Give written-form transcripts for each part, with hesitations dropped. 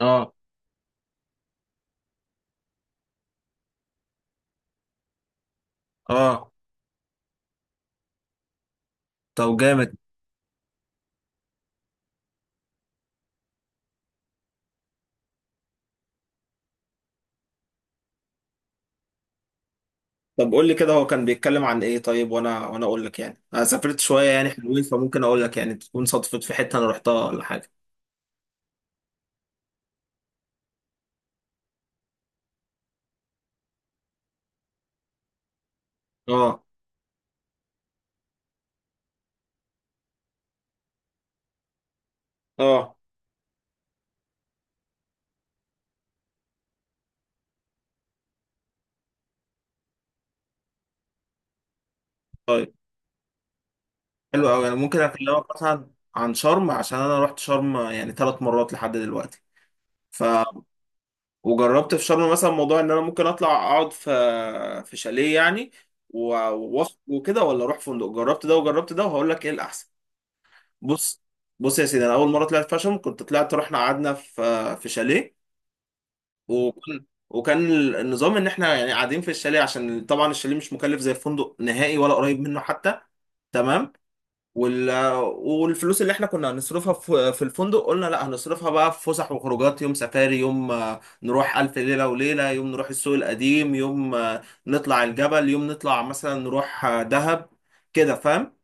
اه. اه. طب جامد. طب قول لي كده، هو كان بيتكلم عن ايه؟ طيب وانا اقول لك، يعني انا سافرت شويه يعني حلوين، فممكن اقول لك يعني تكون صدفت في حته انا رحتها ولا حاجه. اه. اه. طيب حلو قوي، انا ممكن اكلمك مثلا عن شرم، عشان انا رحت شرم يعني 3 مرات لحد دلوقتي. ف وجربت في شرم مثلا موضوع ان انا ممكن اطلع اقعد في شاليه يعني و... و- وكده، ولا اروح فندق، جربت ده وجربت ده وهقول لك ايه الاحسن. بص، بص يا سيدي، انا اول مره طلعت فاشن، كنت طلعت، رحنا قعدنا في شاليه. وكان وكان النظام ان احنا يعني قاعدين في الشاليه، عشان طبعا الشاليه مش مكلف زي الفندق نهائي ولا قريب منه حتى. تمام. وال والفلوس اللي احنا كنا هنصرفها في الفندق، قلنا لا هنصرفها بقى في فسح وخروجات. يوم سفاري، يوم نروح ألف ليلة وليلة، يوم نروح السوق القديم، يوم نطلع الجبل، يوم نطلع مثلا نروح دهب. كده فاهم؟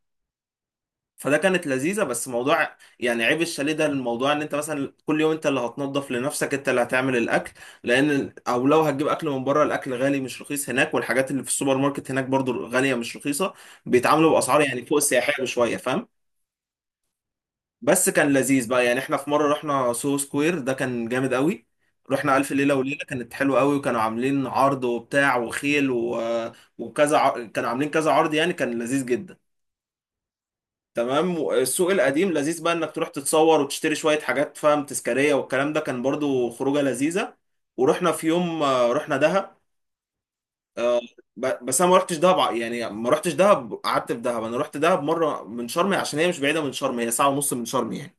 فده كانت لذيذة بس، موضوع يعني عيب الشاليه ده، الموضوع ان انت مثلا كل يوم انت اللي هتنظف لنفسك، انت اللي هتعمل الاكل، لان او لو هتجيب اكل من بره، الاكل غالي مش رخيص هناك، والحاجات اللي في السوبر ماركت هناك برضو غالية مش رخيصة. بيتعاملوا باسعار يعني فوق السياحية بشوية، فاهم؟ بس كان لذيذ بقى، يعني احنا في مرة رحنا سوهو سكوير، ده كان جامد قوي. رحنا ألف ليلة وليلة، كانت حلوة قوي، وكانوا عاملين عرض وبتاع وخيل كانوا عاملين كذا عرض، يعني كان لذيذ جدا. تمام. السوق القديم لذيذ بقى انك تروح تتصور وتشتري شوية حاجات، فاهم، تذكارية، والكلام ده كان برضو خروجة لذيذة. ورحنا في يوم رحنا دهب. آه، بس انا ما رحتش دهب، يعني ما رحتش دهب قعدت في دهب، انا رحت دهب مرة من شرم، عشان هي مش بعيدة من شرم، هي ساعة ونص من شرم يعني.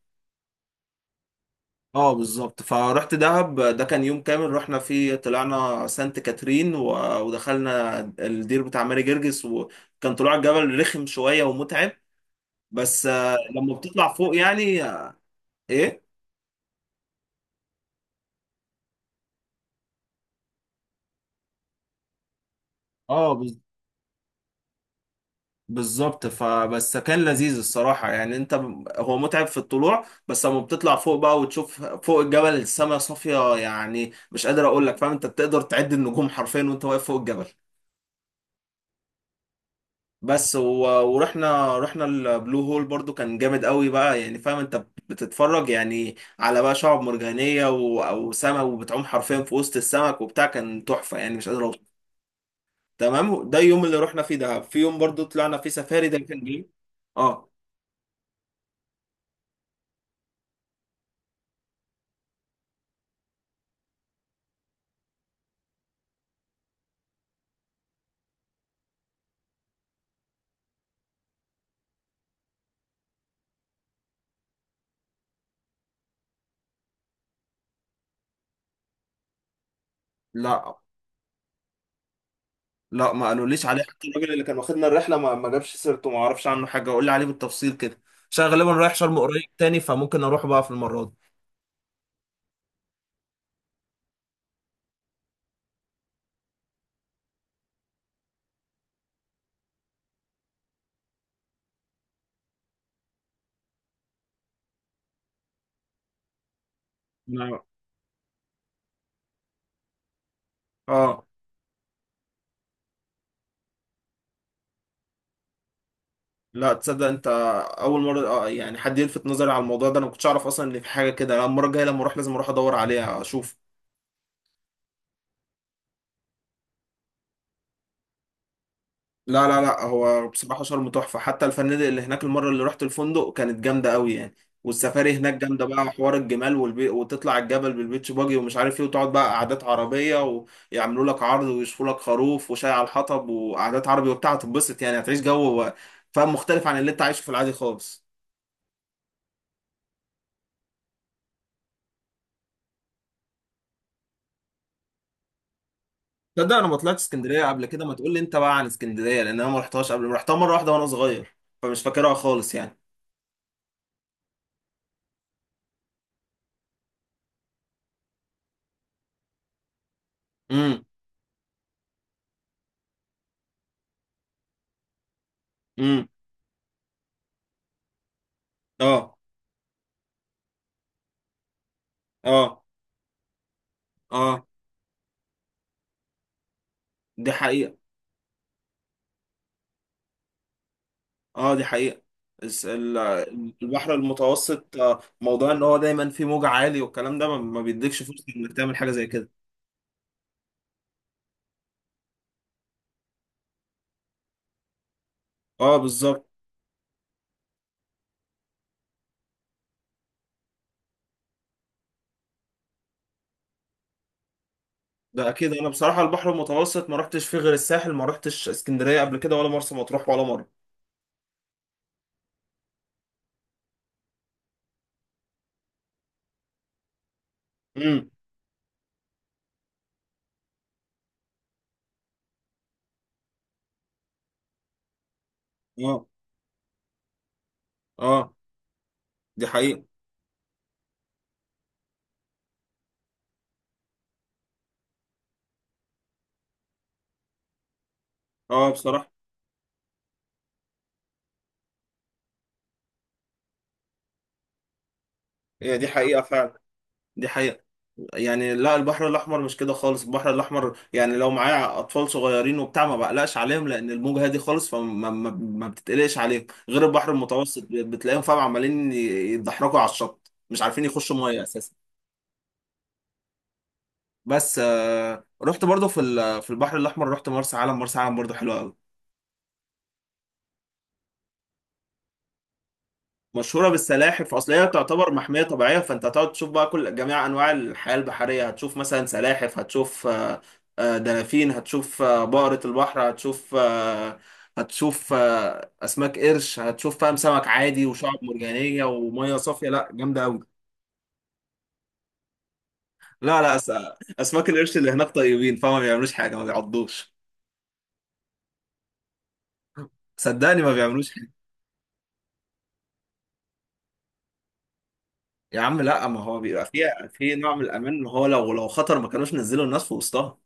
اه بالظبط. فرحت دهب، ده كان يوم كامل رحنا فيه، طلعنا سانت كاترين و- ودخلنا الدير بتاع ماري جرجس، وكان طلوع الجبل رخم شوية ومتعب. بس لما بتطلع فوق يعني، ايه. اه بالظبط. فبس كان لذيذ الصراحة، يعني انت هو متعب في الطلوع، بس لما بتطلع فوق بقى وتشوف فوق الجبل السماء صافية، يعني مش قادر اقول لك، فاهم، انت بتقدر تعد النجوم حرفيا وانت واقف فوق الجبل. بس ورحنا البلو هول، برضو كان جامد قوي بقى، يعني فاهم انت بتتفرج يعني على بقى شعب مرجانية وسمك، وبتعوم حرفيا في وسط السمك وبتاع، كان تحفة يعني مش قادر اوصف. تمام. ده اليوم اللي رحنا فيه دهب. في يوم برضو طلعنا فيه سفاري، ده كان جميل. اه. لا، لا، ما قالوليش عليه، حتى الراجل اللي كان واخدنا الرحله ما جابش سيرته، ما اعرفش عنه حاجه. قول لي عليه بالتفصيل كده، عشان أنا غالبا رايح شرم قريب تاني، فممكن اروح بقى في المره دي. نعم. اه. لا تصدق انت، اول مره يعني حد يلفت نظري على الموضوع ده، انا ما كنتش اعرف اصلا ان في حاجه كده. أنا المره الجايه لما اروح لازم اروح ادور عليها اشوف. لا، لا، لا، هو بصراحة شرم تحفة، حتى الفنادق اللي هناك، المرة اللي رحت الفندق كانت جامدة قوي يعني. والسفاري هناك جامدة بقى، حوار الجمال وتطلع الجبل بالبيتش باجي ومش عارف ايه، وتقعد بقى قعدات عربية، ويعملوا لك عرض ويشوفوا لك خروف وشاي على الحطب وقعدات عربي وبتاع، هتتبسط يعني، هتعيش جو، فاهم، مختلف عن اللي انت عايشه في العادي خالص. تصدق انا ما طلعتش اسكندرية قبل كده، ما تقول لي انت بقى عن اسكندرية، لان انا ما رحتهاش قبل، رحتها مرة واحدة وانا صغير، فمش فاكرها خالص يعني. امم. امم. اه. اه. اه دي حقيقة. اه دي حقيقة. الس- ال- البحر المتوسط، موضوع ان هو دايما فيه موج عالي والكلام ده ما بيديكش فرصة انك تعمل حاجة زي كده. اه بالظبط. ده اكيد، انا بصراحة البحر المتوسط ما رحتش فيه غير الساحل، ما رحتش اسكندرية قبل كده ولا مرسى مطروح ولا مرة. امم. اه. اه دي حقيقة. اه بصراحة هي دي حقيقة فعلا. دي حقيقة. يعني لا، البحر الاحمر مش كده خالص، البحر الاحمر يعني لو معايا اطفال صغيرين وبتاع ما بقلقش عليهم، لان الموجه هادي خالص، فما ما, ما بتتقلقش عليهم، غير البحر المتوسط بتلاقيهم، فاهم، عمالين يتدحرجوا على الشط، مش عارفين يخشوا ميه اساسا. بس رحت برضو في البحر الاحمر، رحت مرسى علم. مرسى علم برضو حلوه قوي، مشهوره بالسلاحف، اصل هي تعتبر محميه طبيعيه، فانت هتقعد تشوف بقى كل جميع انواع الحياه البحريه، هتشوف مثلا سلاحف، هتشوف دلافين، هتشوف بقره البحر، هتشوف هتشوف اسماك قرش، هتشوف فاهم سمك عادي وشعب مرجانيه وميه صافيه، لا جامده قوي. لا، لا، اسماك القرش اللي هناك طيبين، فما بيعملوش حاجه، ما بيعضوش. صدقني ما بيعملوش حاجه. يا عم لا، ما هو بيبقى فيها في نوع من الامان، ان هو لو خطر ما كانوش نزلوا الناس في وسطها.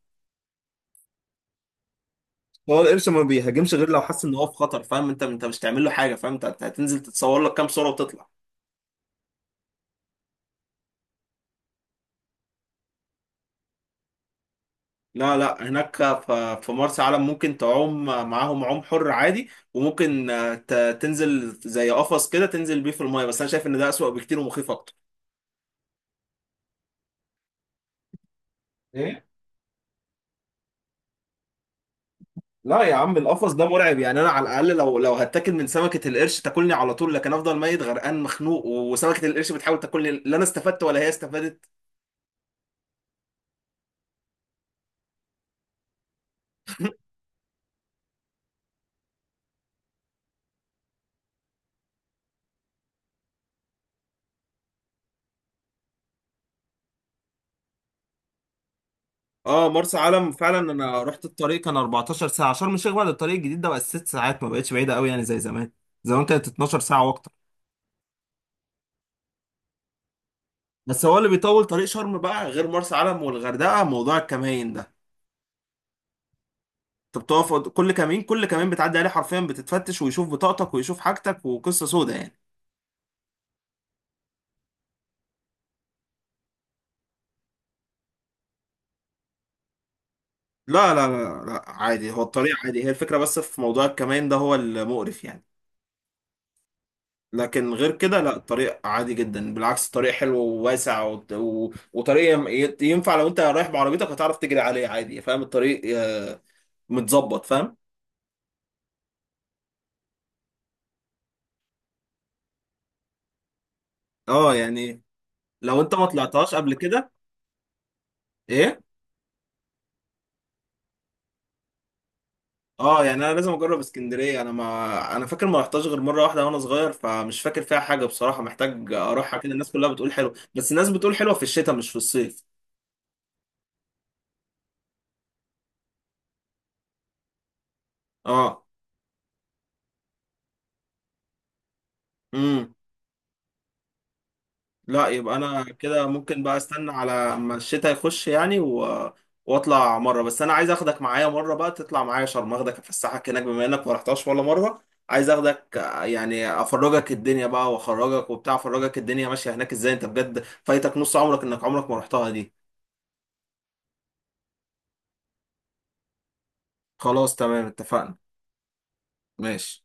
هو القرش ما بيهاجمش غير لو حس ان هو في خطر، فاهم، انت مش تعمل له حاجه، فاهم، انت هتنزل تتصور لك كام صوره وتطلع. لا، لا، هناك في مرسى علم ممكن تعوم معاهم عوم حر عادي، وممكن تنزل زي قفص كده، تنزل بيه في المايه، بس انا شايف ان ده اسوأ بكتير ومخيف اكتر. ايه. لا يا عم، القفص ده مرعب، يعني انا على الاقل لو هتاكل من سمكه القرش تاكلني على طول، لكن افضل ميت غرقان مخنوق وسمكه القرش بتحاول تاكلني، لا انا استفدت ولا هي استفادت. اه مرسى علم فعلا، انا رحت الطريق كان 14 ساعه، شرم الشيخ بعد الطريق الجديد ده بقى 6 ساعات، ما بقتش بعيده قوي يعني زي زمان. زمان كانت 12 ساعه واكتر. بس هو اللي بيطول طريق شرم بقى غير مرسى علم والغردقه موضوع الكمين ده، انت بتقف كل كمين، كل كمين بتعدي عليه حرفيا بتتفتش، ويشوف بطاقتك ويشوف حاجتك، وقصه سودة يعني. لا، لا، لا، لا، عادي، هو الطريق عادي، هي الفكره بس في موضوع الكمين ده هو المقرف يعني. لكن غير كده لا، الطريق عادي جدا، بالعكس، الطريق حلو وواسع وت- و... وطريق ينفع لو انت رايح بعربيتك، هتعرف تجري عليه عادي، فاهم، الطريق متظبط. فاهم؟ اه يعني، لو انت ما طلعتهاش قبل كده. ايه. اه يعني انا لازم اجرب اسكندريه، انا فاكر ما رحتهاش غير مره واحده وانا صغير، فمش فاكر فيها حاجه بصراحه، محتاج اروحها كده، الناس كلها بتقول حلو، بس الناس بتقول حلوه في الشتاء مش في الصيف. اه. امم. لا، يبقى انا كده ممكن بقى استنى على اما الشتاء يخش يعني واطلع مره، بس انا عايز اخدك معايا مره بقى، تطلع معايا شرم، اخدك افسحك هناك بما انك ما رحتهاش ولا مره. عايز اخدك يعني افرجك الدنيا بقى واخرجك وبتاع، افرجك الدنيا ماشيه هناك ازاي، انت بجد فايتك نص عمرك انك عمرك ما رحتها دي. خلاص تمام. اتفقنا. ماشي.